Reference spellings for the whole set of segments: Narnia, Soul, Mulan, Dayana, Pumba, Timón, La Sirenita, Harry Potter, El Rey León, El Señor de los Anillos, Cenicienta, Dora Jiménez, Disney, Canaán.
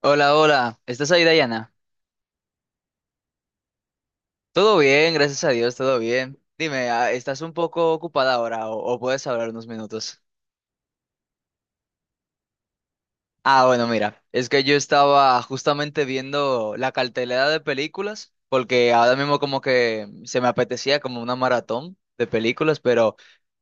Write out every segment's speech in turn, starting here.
Hola, hola. ¿Estás ahí, Dayana? Todo bien, gracias a Dios, todo bien. Dime, ¿estás un poco ocupada ahora o puedes hablar unos minutos? Ah, bueno, mira, es que yo estaba justamente viendo la cartelera de películas, porque ahora mismo como que se me apetecía como una maratón de películas, pero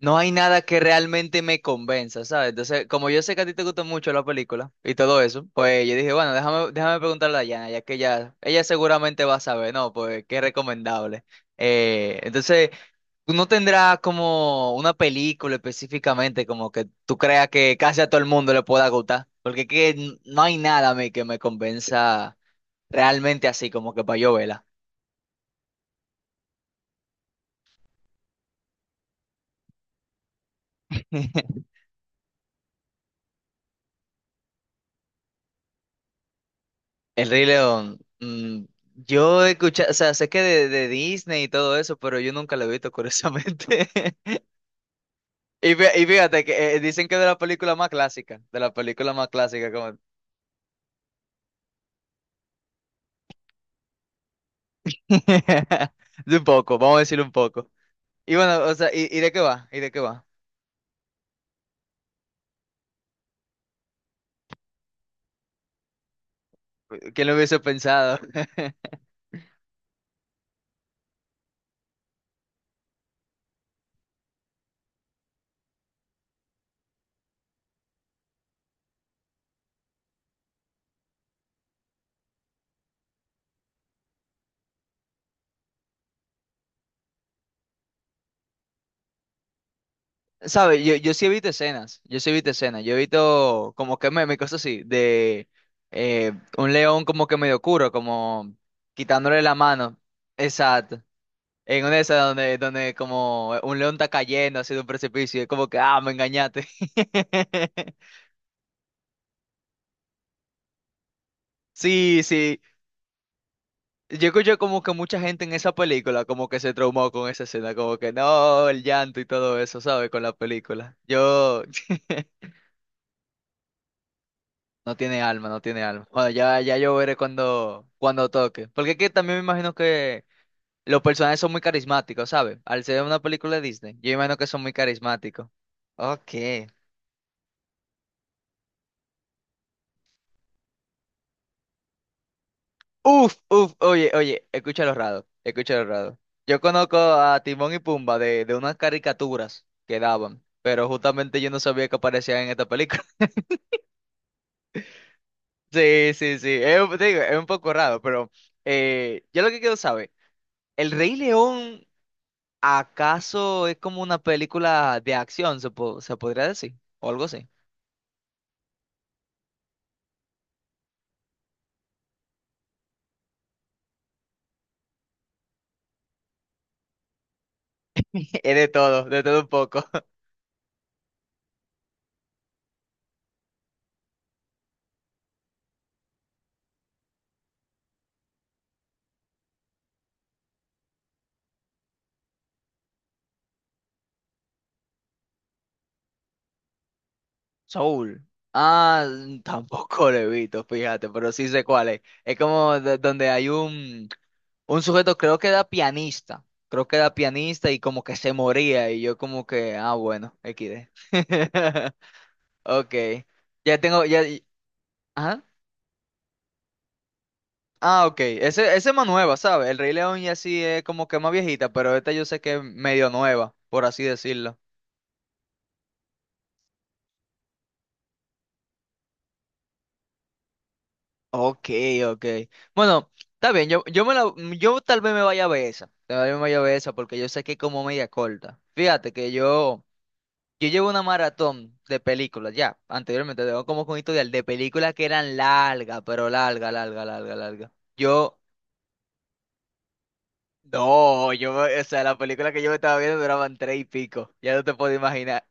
no hay nada que realmente me convenza, ¿sabes? Entonces, como yo sé que a ti te gusta mucho la película y todo eso, pues yo dije, bueno, déjame preguntarle a Yana, ya que ella seguramente va a saber, ¿no? Pues qué recomendable. Entonces, tú no tendrás como una película específicamente como que tú creas que casi a todo el mundo le pueda gustar, porque no hay nada a mí que me convenza realmente así, como que para yo verla. El Rey León. Yo he escuchado, o sea, sé que de Disney y todo eso, pero yo nunca lo he visto, curiosamente. Y fíjate que dicen que es de la película más clásica, como... De un poco, vamos a decir un poco. Y bueno, o sea, y de qué va? ¿Y de qué va? ¿Quién lo hubiese pensado? ¿Sabes? Yo sí he visto escenas, yo he visto como que me cosas así, de eh, un león como que medio oscuro, como quitándole la mano. Exacto. En una de esas donde como un león está cayendo hacia un precipicio, y es como que, ah, me engañaste. Sí, sí. Yo escucho como que mucha gente en esa película como que se traumó con esa escena, como que no, el llanto y todo eso, ¿sabes? Con la película. Yo... No tiene alma, no tiene alma. Bueno, ya yo veré cuando toque. Porque es que también me imagino que los personajes son muy carismáticos, ¿sabes? Al ser una película de Disney, yo imagino que son muy carismáticos. Ok. Uf, uf, oye, oye, escucha los raros, escucha los raros. Yo conozco a Timón y Pumba de unas caricaturas que daban, pero justamente yo no sabía que aparecían en esta película. Sí, sí, sí, es, te digo, es un poco raro, pero yo lo que quiero saber, ¿El Rey León acaso es como una película de acción, se podría decir? O algo así. Es de todo un poco. Soul. Ah, tampoco lo he visto, fíjate, pero sí sé cuál es. Es como donde hay un... Un sujeto creo que era pianista, creo que era pianista y como que se moría y yo como que, ah, bueno, XD. Ok, ya tengo, ajá. Ah, ok, ese es más nueva, ¿sabes? El Rey León ya sí es como que más viejita, pero esta yo sé que es medio nueva, por así decirlo. Ok, ok. Bueno, está bien, yo tal vez me vaya a ver esa, tal vez me vaya a ver esa porque yo sé que es como media corta. Fíjate que yo... Yo llevo una maratón de películas, ya, anteriormente, tengo como con historial de películas que eran largas, pero larga, larga, larga, larga. Yo, no, o sea, la película que yo me estaba viendo duraban tres y pico, ya no te puedo imaginar.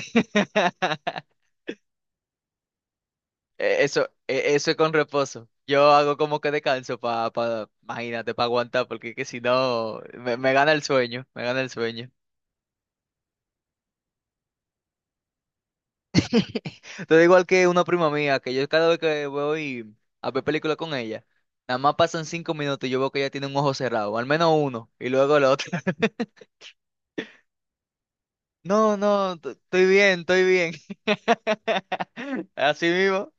Eso, eso es con reposo. Yo hago como que descanso imagínate, para aguantar, porque es que si no, me me gana el sueño. Todo igual que una prima mía, que yo cada vez que voy a ver películas con ella, nada más pasan 5 minutos y yo veo que ella tiene un ojo cerrado, al menos uno, y luego el otro. No, no, estoy bien, estoy bien. Así mismo.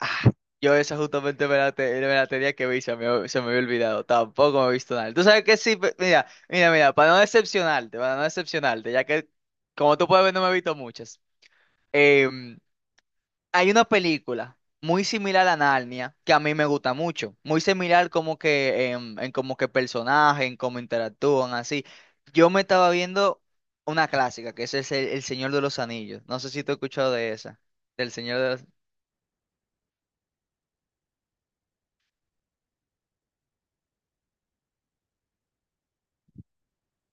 Ah, yo esa justamente me la tenía que ver y se me había olvidado. Tampoco me he visto nada. Tú sabes que sí, pe- mira, mira, mira, para no decepcionarte, ya que como tú puedes ver no me he visto muchas. Em, Hay una película muy similar a Narnia que a mí me gusta mucho. Muy similar como que en como que personaje, en cómo interactúan, así. Yo me estaba viendo una clásica, que es El Señor de los Anillos. No sé si tú has escuchado de esa. Del Señor de los...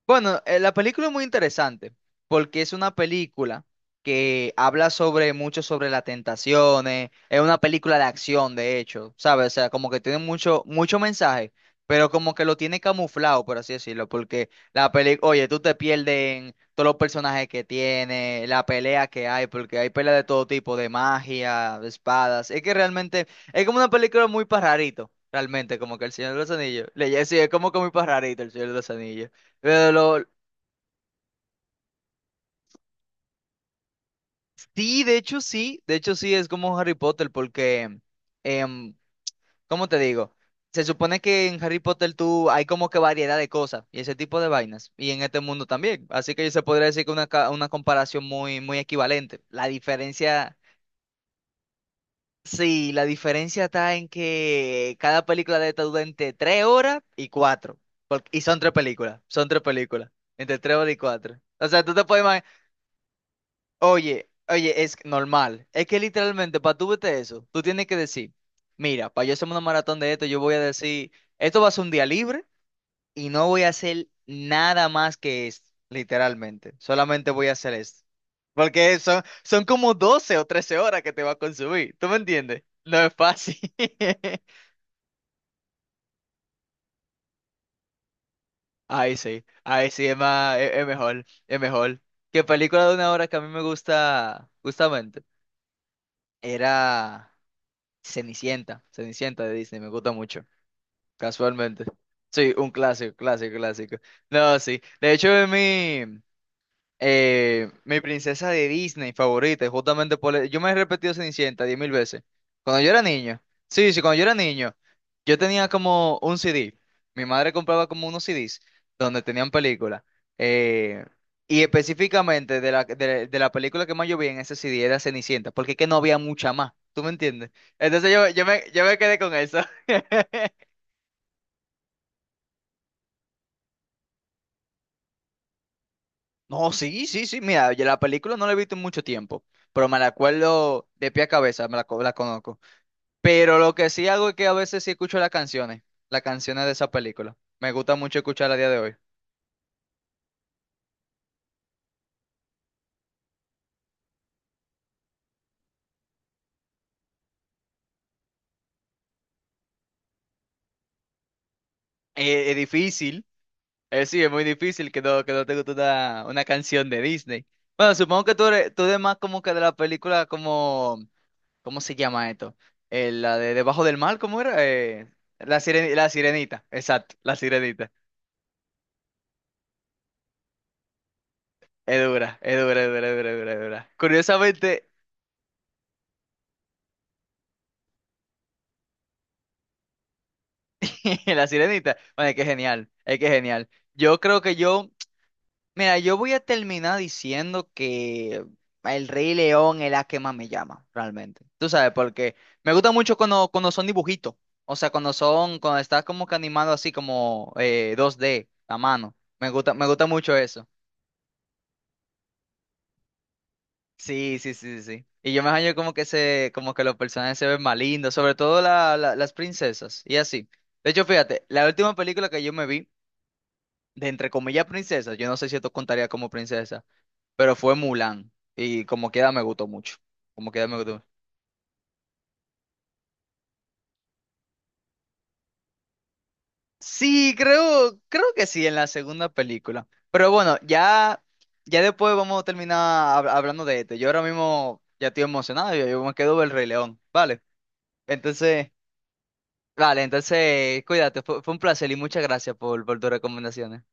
Bueno, la película es muy interesante porque es una película que habla sobre mucho sobre las tentaciones, es una película de acción, de hecho, ¿sabes? O sea, como que tiene mucho, mucho mensaje, pero como que lo tiene camuflado, por así decirlo, porque la película, oye, tú te pierdes en todos los personajes que tiene, la pelea que hay, porque hay peleas de todo tipo, de magia, de espadas, es que realmente es como una película muy pajarito, realmente, como que El Señor de los Anillos, le sí, es como que muy pajarito El Señor de los Anillos. Eh, lo- sí, de hecho sí, es como Harry Potter porque, em, ¿cómo te digo? Se supone que en Harry Potter tú hay como que variedad de cosas y ese tipo de vainas y en este mundo también, así que se podría decir que una comparación muy, muy equivalente. La diferencia, sí, la diferencia está en que cada película de esta dura entre 3 horas y 4, porque- y son tres películas, entre tres horas y cuatro. O sea, tú te puedes imaginar. Oye, oye, es normal. Es que literalmente, para tú verte eso, tú tienes que decir, mira, para yo hacerme una maratón de esto, yo voy a decir, esto va a ser un día libre y no voy a hacer nada más que esto, literalmente. Solamente voy a hacer esto. Porque son como 12 o 13 horas que te va a consumir. ¿Tú me entiendes? No es fácil. Ahí sí, es más, es mejor, es mejor. ¿Qué película de 1 hora que a mí me gusta, justamente, era... Cenicienta, Cenicienta de Disney, me gusta mucho, casualmente. Sí, un clásico, clásico, clásico. No, sí. De hecho, es mi, mi princesa de Disney favorita, y justamente por... e- Yo me he repetido Cenicienta 10.000 veces. Cuando yo era niño, sí, sí, cuando yo era niño, yo tenía como un CD. Mi madre compraba como unos CDs donde tenían películas. Eh, y específicamente de la película que más yo vi en ese CD era Cenicienta, porque es que no había mucha más, ¿tú me entiendes? Entonces yo me quedé con eso. No, sí, sí, sí. Mira, yo la película no la he visto en mucho tiempo, pero me la acuerdo de pie a cabeza, la conozco. Pero lo que sí hago es que a veces sí escucho las canciones de esa película. Me gusta mucho escuchar a día de hoy. Es difícil, sí, es muy difícil que no te guste una canción de Disney. Bueno, supongo que tú eres más como que de la película como, ¿cómo se llama esto? La de Debajo del Mar, ¿cómo era? La Sirenita, exacto, la Sirenita. Es dura, es dura, es dura, es dura, es dura, es dura. Curiosamente, la Sirenita, bueno, es que es genial, es que es genial. Yo creo que yo... Mira, yo voy a terminar diciendo que El Rey León es la que más me llama, realmente. Tú sabes, porque me gusta mucho cuando son dibujitos. O sea, cuando son, cuando estás como que animado así como 2D, a mano. Me gusta mucho eso. Sí, sí, sí, sí, sí. Y yo me hallo como que los personajes se ven más lindos, sobre todo las princesas, y así. De hecho, fíjate, la última película que yo me vi, de entre comillas princesas, yo no sé si esto contaría como princesa, pero fue Mulan. Y como queda me gustó mucho. Como queda me gustó. Sí, creo que sí, en la segunda película. Pero bueno, ya, ya después vamos a terminar hablando de esto. Yo ahora mismo ya estoy emocionado, yo me quedo del Rey León, ¿vale? Entonces, vale, entonces, cuídate, fue un placer y muchas gracias por tus recomendaciones.